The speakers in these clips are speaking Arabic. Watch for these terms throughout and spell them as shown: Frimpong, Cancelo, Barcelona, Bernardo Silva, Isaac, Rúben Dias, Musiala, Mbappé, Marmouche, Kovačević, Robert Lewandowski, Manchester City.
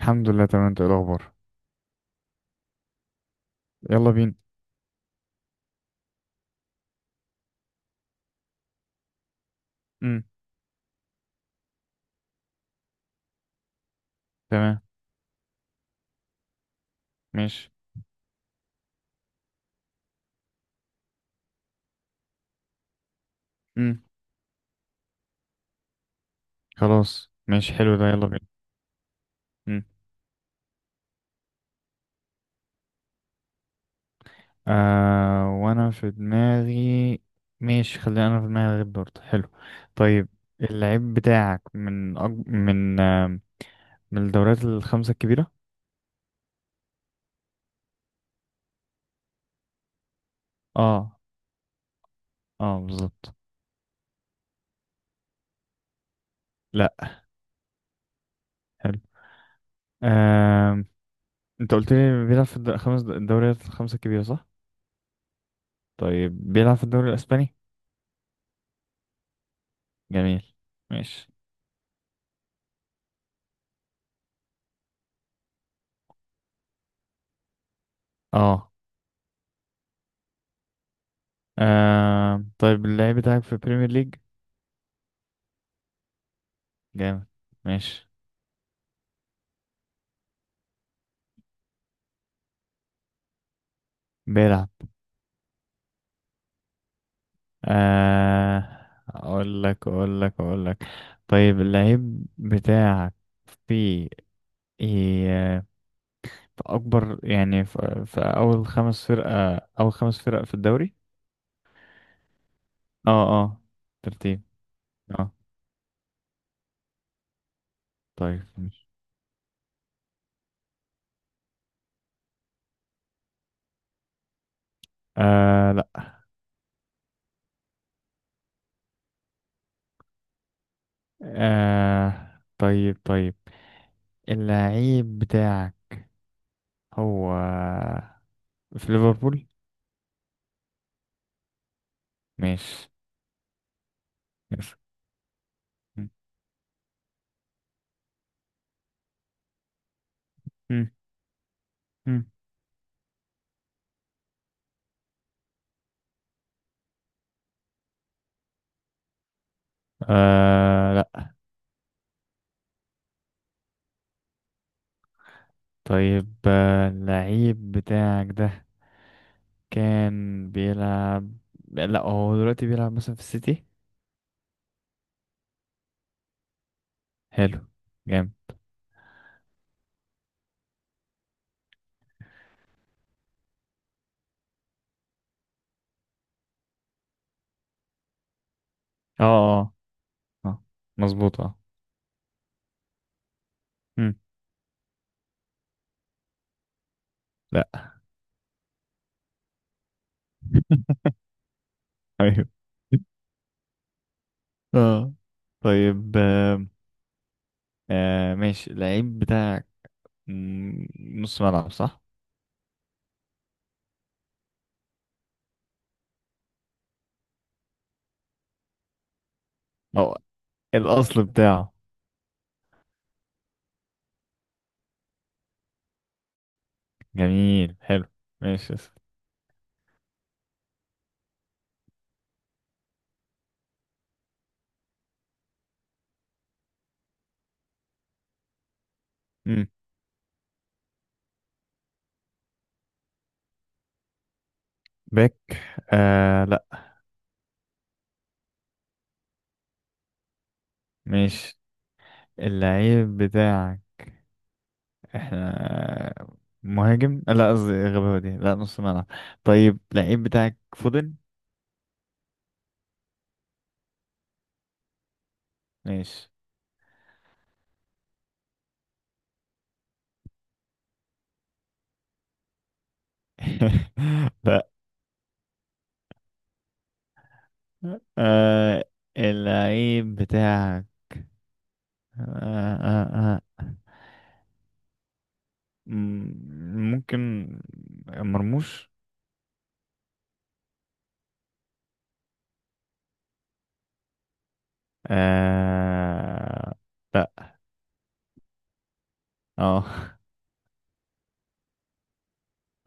الحمد لله تمام. انت ايه الاخبار؟ يلا بينا. امم تمام. ماشي. امم خلاص ماشي، حلو ده، يلا بينا. امم آه وانا في دماغي. ماشي خلينا، انا في دماغي غير برضه حلو. طيب اللعيب بتاعك من أج... من آه من الدوريات الخمسة الكبيرة. اه. اه بالظبط. لا. حلو. آه، انت قلت لي بيلعب في الد- خمس الدوريات الخمسة الكبيرة صح؟ طيب بيلعب في الدوري الاسباني. جميل. ماشي. اه. آه طيب اللعيب بتاعك في بريمير ليج. جامد. ماشي. بيلعب. آه، اقول لك. طيب اللعيب بتاعك في إيه، في اكبر يعني في اول خمس فرقة، اول خمس فرق في الدوري. اه. اه ترتيب. اه. طيب ماشي. آه لا. آه طيب اللعيب بتاعك هو في ليفربول. ماشي. مم. مم. آه لا. طيب آه، اللعيب بتاعك ده كان بيلعب، لا هو دلوقتي بيلعب مثلا في السيتي. حلو. جامد. اه. اه. اه مظبوط. اه. مم. لا. ايوه. اه. طيب. ماشي اللعيب بتاعك مم، نص ملعب صح؟ اه الأصل بتاعه. جميل حلو. ماشي يا سيدي. مم. باك؟ آه لا. ماشي اللعيب بتاعك احنا مهاجم، لا قصدي غباوة دي، لا نص ملعب. طيب لعيب بتاعك فودن؟ ماشي. لا. آه، اللعيب بتاعك آه آه آه. ممكن مرموش؟ آه لا. اه.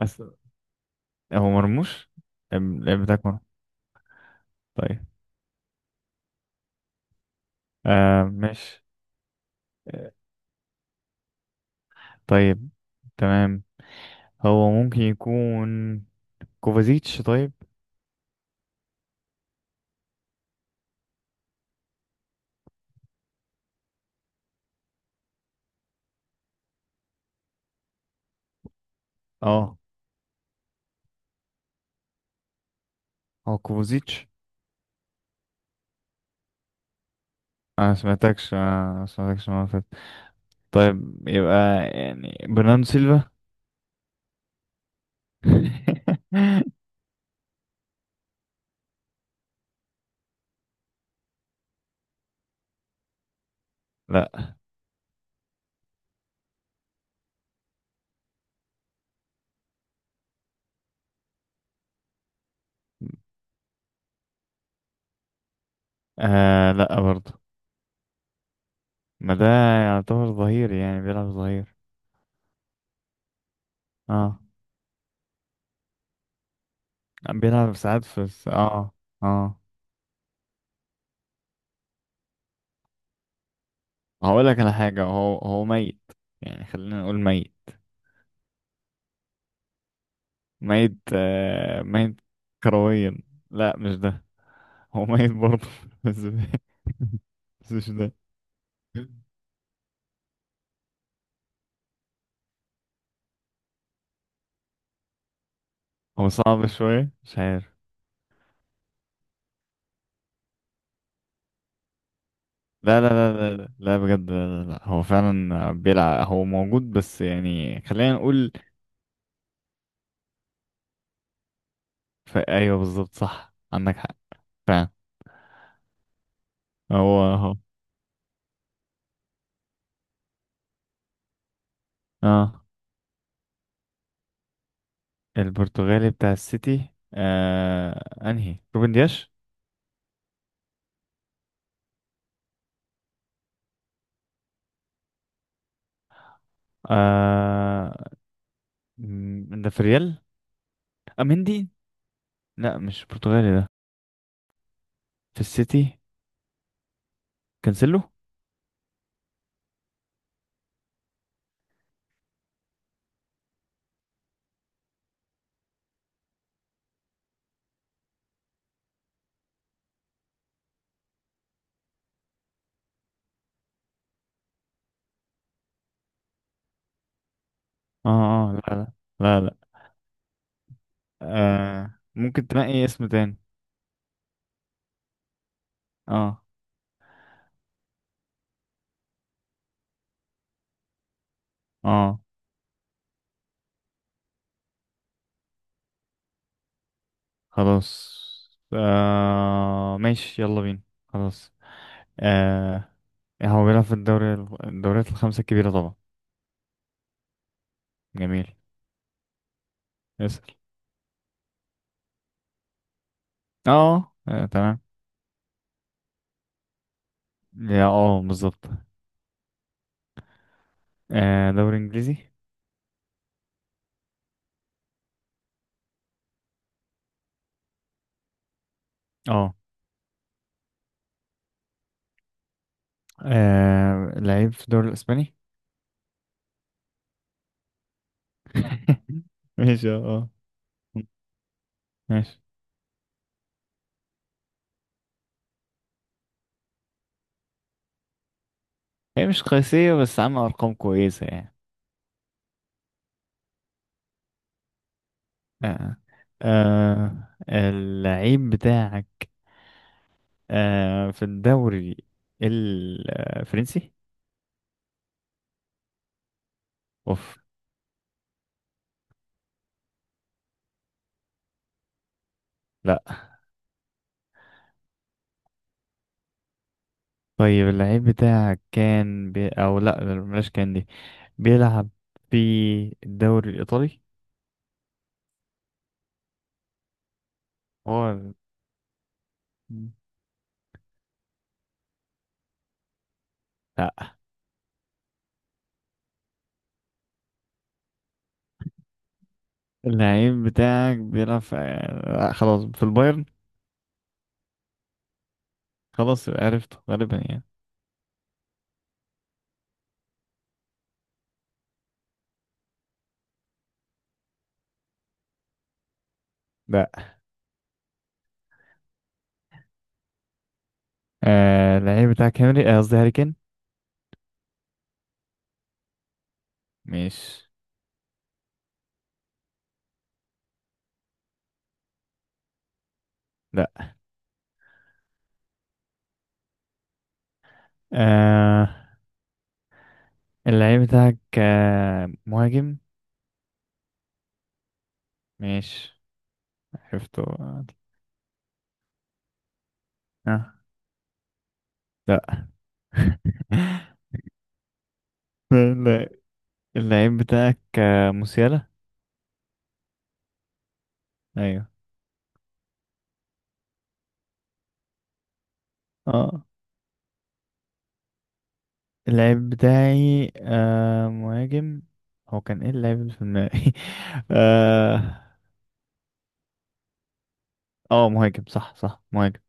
أس... هو مرموش؟ اللعيب بتاعك مرموش. طيب. آه ماشي. طيب تمام، هو ممكن يكون كوفازيتش؟ طيب. اه هو كوفوزيتش. انا ما سمعتكش المره اللي فاتت. طيب يبقى يعني برناردو سيلفا. لا. آه لا برضه، ما ده يعتبر ظهير يعني بيلعب ظهير. اه بيلعب ساعات في اه. هقول لك على حاجه، هو ميت، يعني خلينا نقول ميت. ميت آه ميت. كرويا؟ لا مش ده. هو ميت برضه بس. بس مش ده. هو صعب شويه، مش عارف. لا بجد، لا هو فعلا بيلعب، هو موجود، بس يعني خلينا نقول ايوه بالظبط، صح عندك حق، فعلا. هو اه البرتغالي بتاع السيتي. آه انهي، روبن دياش؟ آه، ده في ريال. اميندي؟ لا مش برتغالي ده. في السيتي. كانسيلو. اه. اه. لا آه ممكن تنقي اسم تاني. اه. اه. خلاص. آه ماشي يلا بينا. خلاص. آه، هو بيلعب في الدوري، الدوريات الخمسة الكبيرة طبعا. جميل. اسأل. اه. آه، تمام. يا اه بالظبط. آه دوري انجليزي. اه. آه، لعيب في الدوري الاسباني. ماشي. اه. آه. ماشي. هي مش قياسية بس عاملة ارقام كويسة يعني. آه. اللعيب بتاعك آه في الدوري الفرنسي. اوف. لا. طيب اللعيب بتاعك كان بي... او لا بلاش كان دي بيلعب في الدوري الإيطالي. هو. لا اللعيب بتاعك بيلعب في، لا خلاص، في البايرن. خلاص يبقى عرفته غالبا يعني. لا. آه اللعيب بتاعك هنري، آه قصدي هاري كين. مش. لا. آه اللعيب بتاعك آه مهاجم، مش عرفته. آه لا. لا. اللعيب بتاعك آه، موسيالا. ايوه. اه اللعيب بتاعي آه مهاجم. هو كان ايه اللعيب اللي في دماغي؟ اه. اه مهاجم صح، صح مهاجم.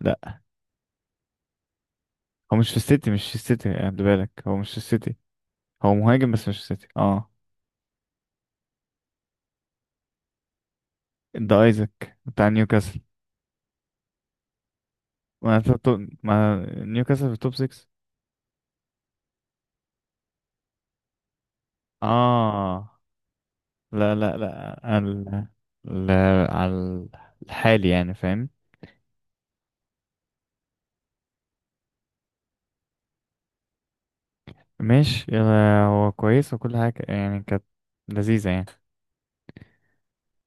لا هو مش في السيتي، مش في السيتي، خد بالك هو مش في السيتي. هو مهاجم بس مش في السيتي. اه ده ايزاك بتاع نيوكاسل. ما أنت ما نيوكاسل في التوب 6. اه. لا لا لا ال... ال... على الحالي يعني فاهم. ماشي يلا، هو كويس وكل حاجة يعني، كانت لذيذة يعني.